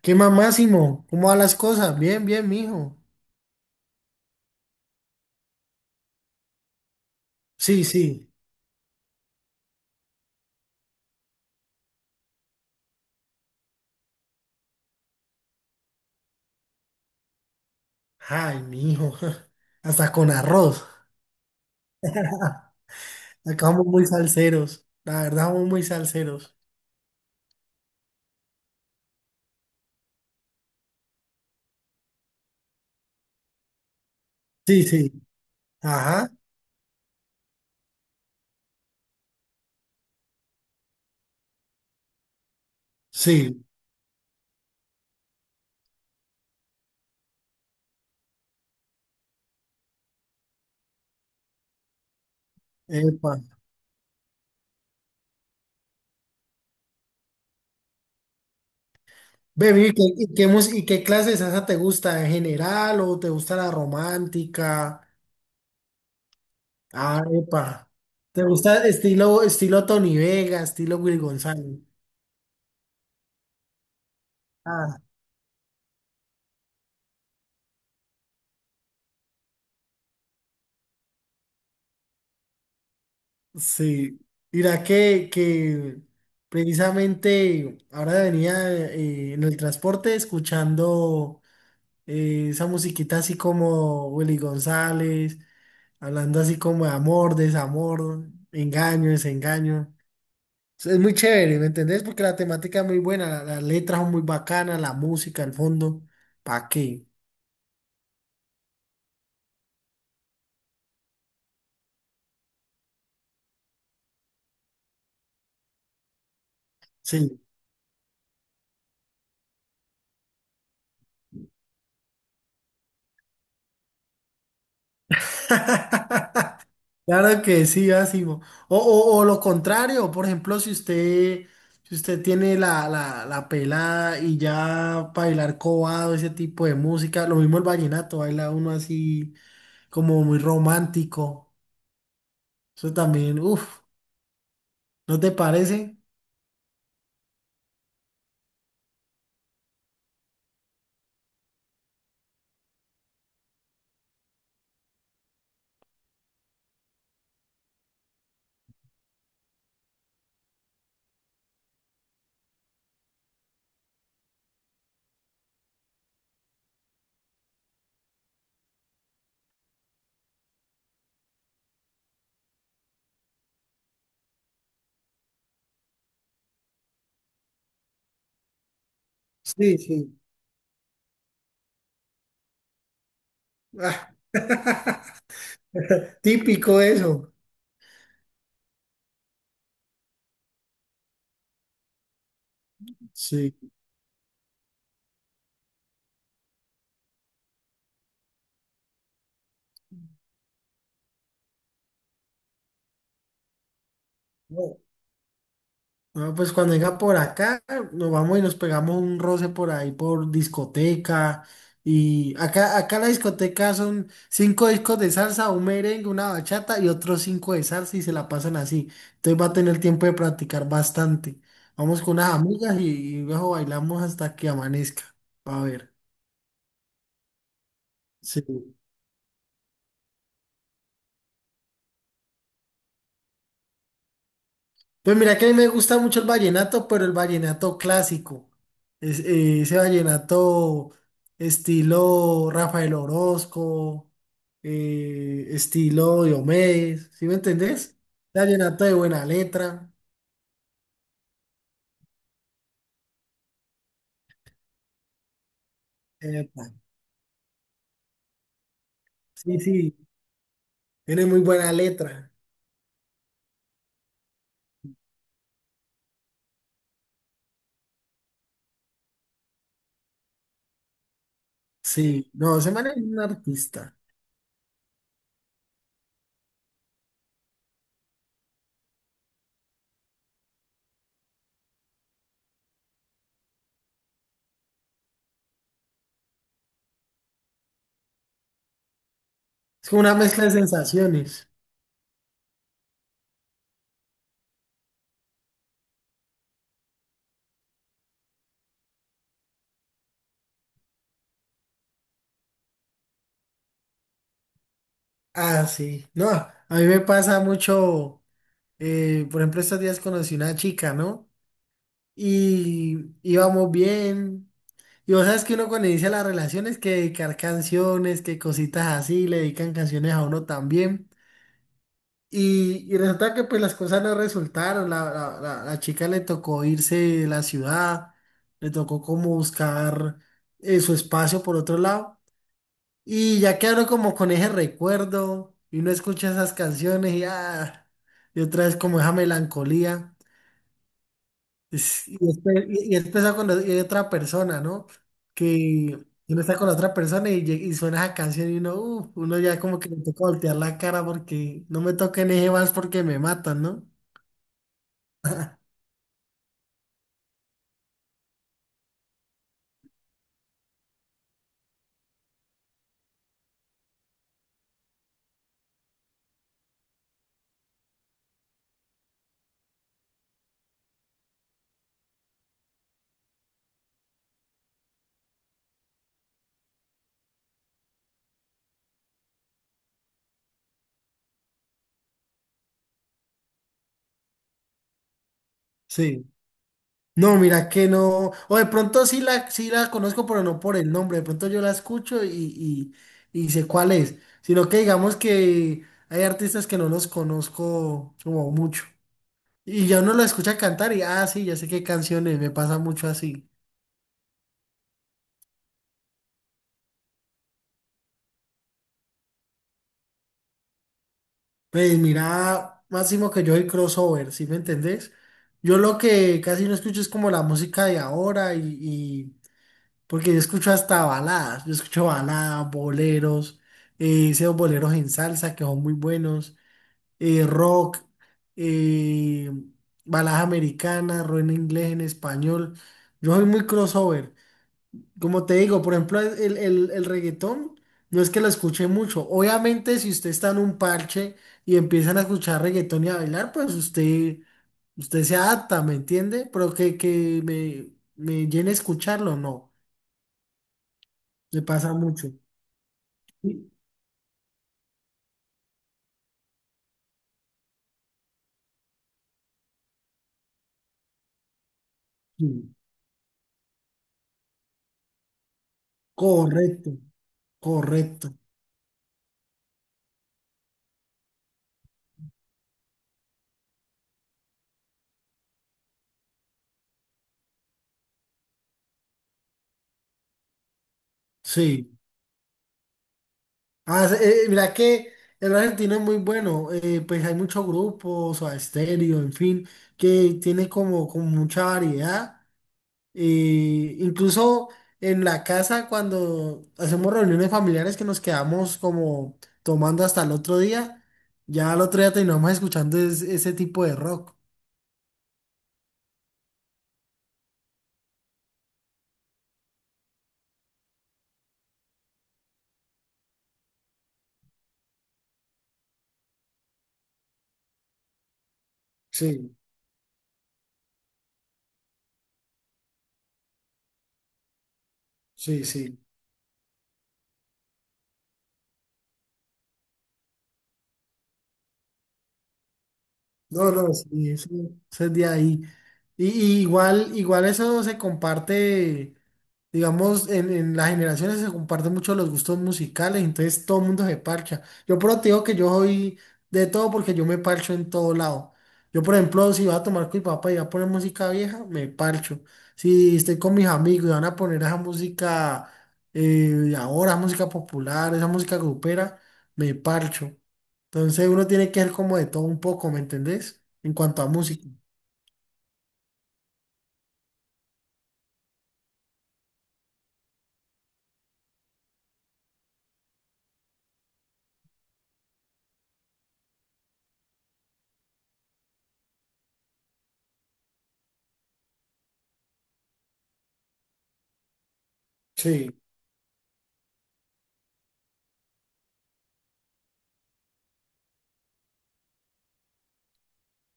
¿Qué más, Máximo? ¿Cómo van las cosas? Bien, bien, mijo. Sí, sí. Ay, mijo. Hasta con arroz. Acá somos muy salseros. La verdad, somos muy salseros. Sí, sí. Ajá. Sí. Epa. Baby, ¿y qué clase de salsa te gusta en general o te gusta la romántica? Ah, epa. ¿Te gusta estilo Tony Vega, estilo Will González? Ah, sí, mira que precisamente ahora venía en el transporte escuchando esa musiquita así como Willy González, hablando así como de amor, desamor, engaño, desengaño. Es muy chévere, ¿me entendés? Porque la temática es muy buena, las letras son muy bacanas, la música, el fondo, ¿pa' qué? Sí. Claro que sí, Asimo. O lo contrario, por ejemplo, si usted tiene la pelada y ya bailar cobado, ese tipo de música, lo mismo el vallenato, baila uno así como muy romántico. Eso también, uff, ¿no te parece? Sí, sí. Ah, típico eso. Sí. No, pues cuando venga por acá, nos vamos y nos pegamos un roce por ahí por discoteca. Y acá la discoteca son cinco discos de salsa, un merengue, una bachata y otros cinco de salsa y se la pasan así. Entonces va a tener tiempo de practicar bastante. Vamos con unas amigas y luego bailamos hasta que amanezca. A ver. Sí. Pues mira que a mí me gusta mucho el vallenato, pero el vallenato clásico. Ese vallenato estilo Rafael Orozco, estilo Diomedes, ¿sí me entendés? Vallenato de buena letra. Epa, sí, sí, tiene muy buena letra. Sí, no, ese man es un artista. Es como una mezcla de sensaciones. Ah, sí. No, a mí me pasa mucho, por ejemplo, estos días conocí una chica, ¿no? Y íbamos bien. Y vos sabes que uno cuando inicia las relaciones que dedicar canciones, que cositas así, le dedican canciones a uno también. Y resulta que pues las cosas no resultaron, la chica le tocó irse de la ciudad, le tocó como buscar su espacio por otro lado. Y ya quedaron como con ese recuerdo y uno escucha esas canciones y, ah, y otra vez como esa melancolía. Y después, y después está con hay otra persona, ¿no? Que uno está con la otra persona y, y suena esa canción y uno, uno ya como que le toca voltear la cara porque no me toquen ese vals porque me matan, ¿no? Sí. No, mira que no. O de pronto sí la conozco, pero no por el nombre. De pronto yo la escucho y y sé cuál es. Sino que digamos que hay artistas que no los conozco como mucho. Y ya uno lo escucha cantar y, ah, sí, ya sé qué canciones, me pasa mucho así. Pues mira, máximo que yo soy crossover, ¿sí me entendés? Yo lo que casi no escucho es como la música de ahora porque yo escucho hasta baladas, yo escucho baladas, boleros, esos boleros en salsa que son muy buenos, rock, eh, baladas americanas, rock en inglés, en español. Yo soy muy crossover. Como te digo, por ejemplo, el reggaetón no es que lo escuche mucho. Obviamente, si usted está en un parche y empiezan a escuchar reggaetón y a bailar, usted se adapta, ¿me entiende? Pero me llene escucharlo, no. Me pasa mucho. Sí, sí. Correcto, correcto. Sí. Ah, mira que el argentino es muy bueno. Pues hay muchos grupos, o estéreo, en fin, que tiene como, como mucha variedad. Y incluso en la casa, cuando hacemos reuniones familiares que nos quedamos como tomando hasta el otro día, ya al otro día terminamos escuchando ese tipo de rock. Sí, sí, sí. No, no, sí, eso es de ahí. Y igual, igual eso se comparte. Digamos, en las generaciones se comparten mucho los gustos musicales, entonces todo el mundo se parcha. Yo, pero te digo que yo soy de todo porque yo me parcho en todo lado. Yo, por ejemplo, si voy a tomar con mi papá y voy a poner música vieja, me parcho. Si estoy con mis amigos y van a poner esa música eh, de ahora, música popular, esa música grupera, me parcho. Entonces uno tiene que ser como de todo un poco, ¿me entendés? En cuanto a música. Sí.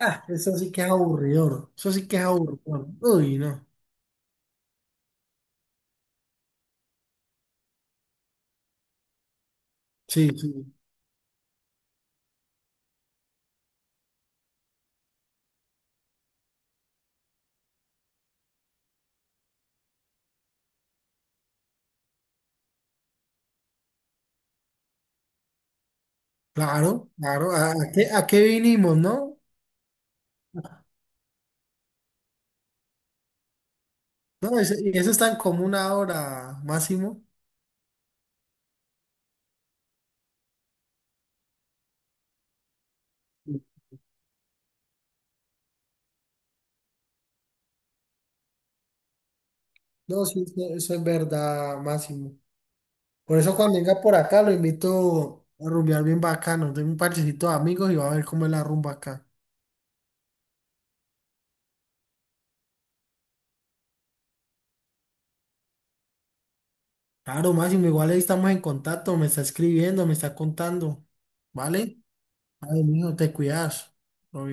Ah, eso sí que es aburridor. Eso sí que es aburridor. Uy, no. Sí, sí, claro, claro. A qué vinimos, no? No, eso, y eso es tan común ahora, Máximo. No, sí, eso es verdad, Máximo. Por eso cuando venga por acá lo invito a rumbear bien bacano. Tengo un parchecito de amigos y va a ver cómo es la rumba acá. Claro, Máximo, igual ahí estamos en contacto, me está escribiendo, me está contando. ¿Vale? Ay, mijo, te cuidas. Obvio.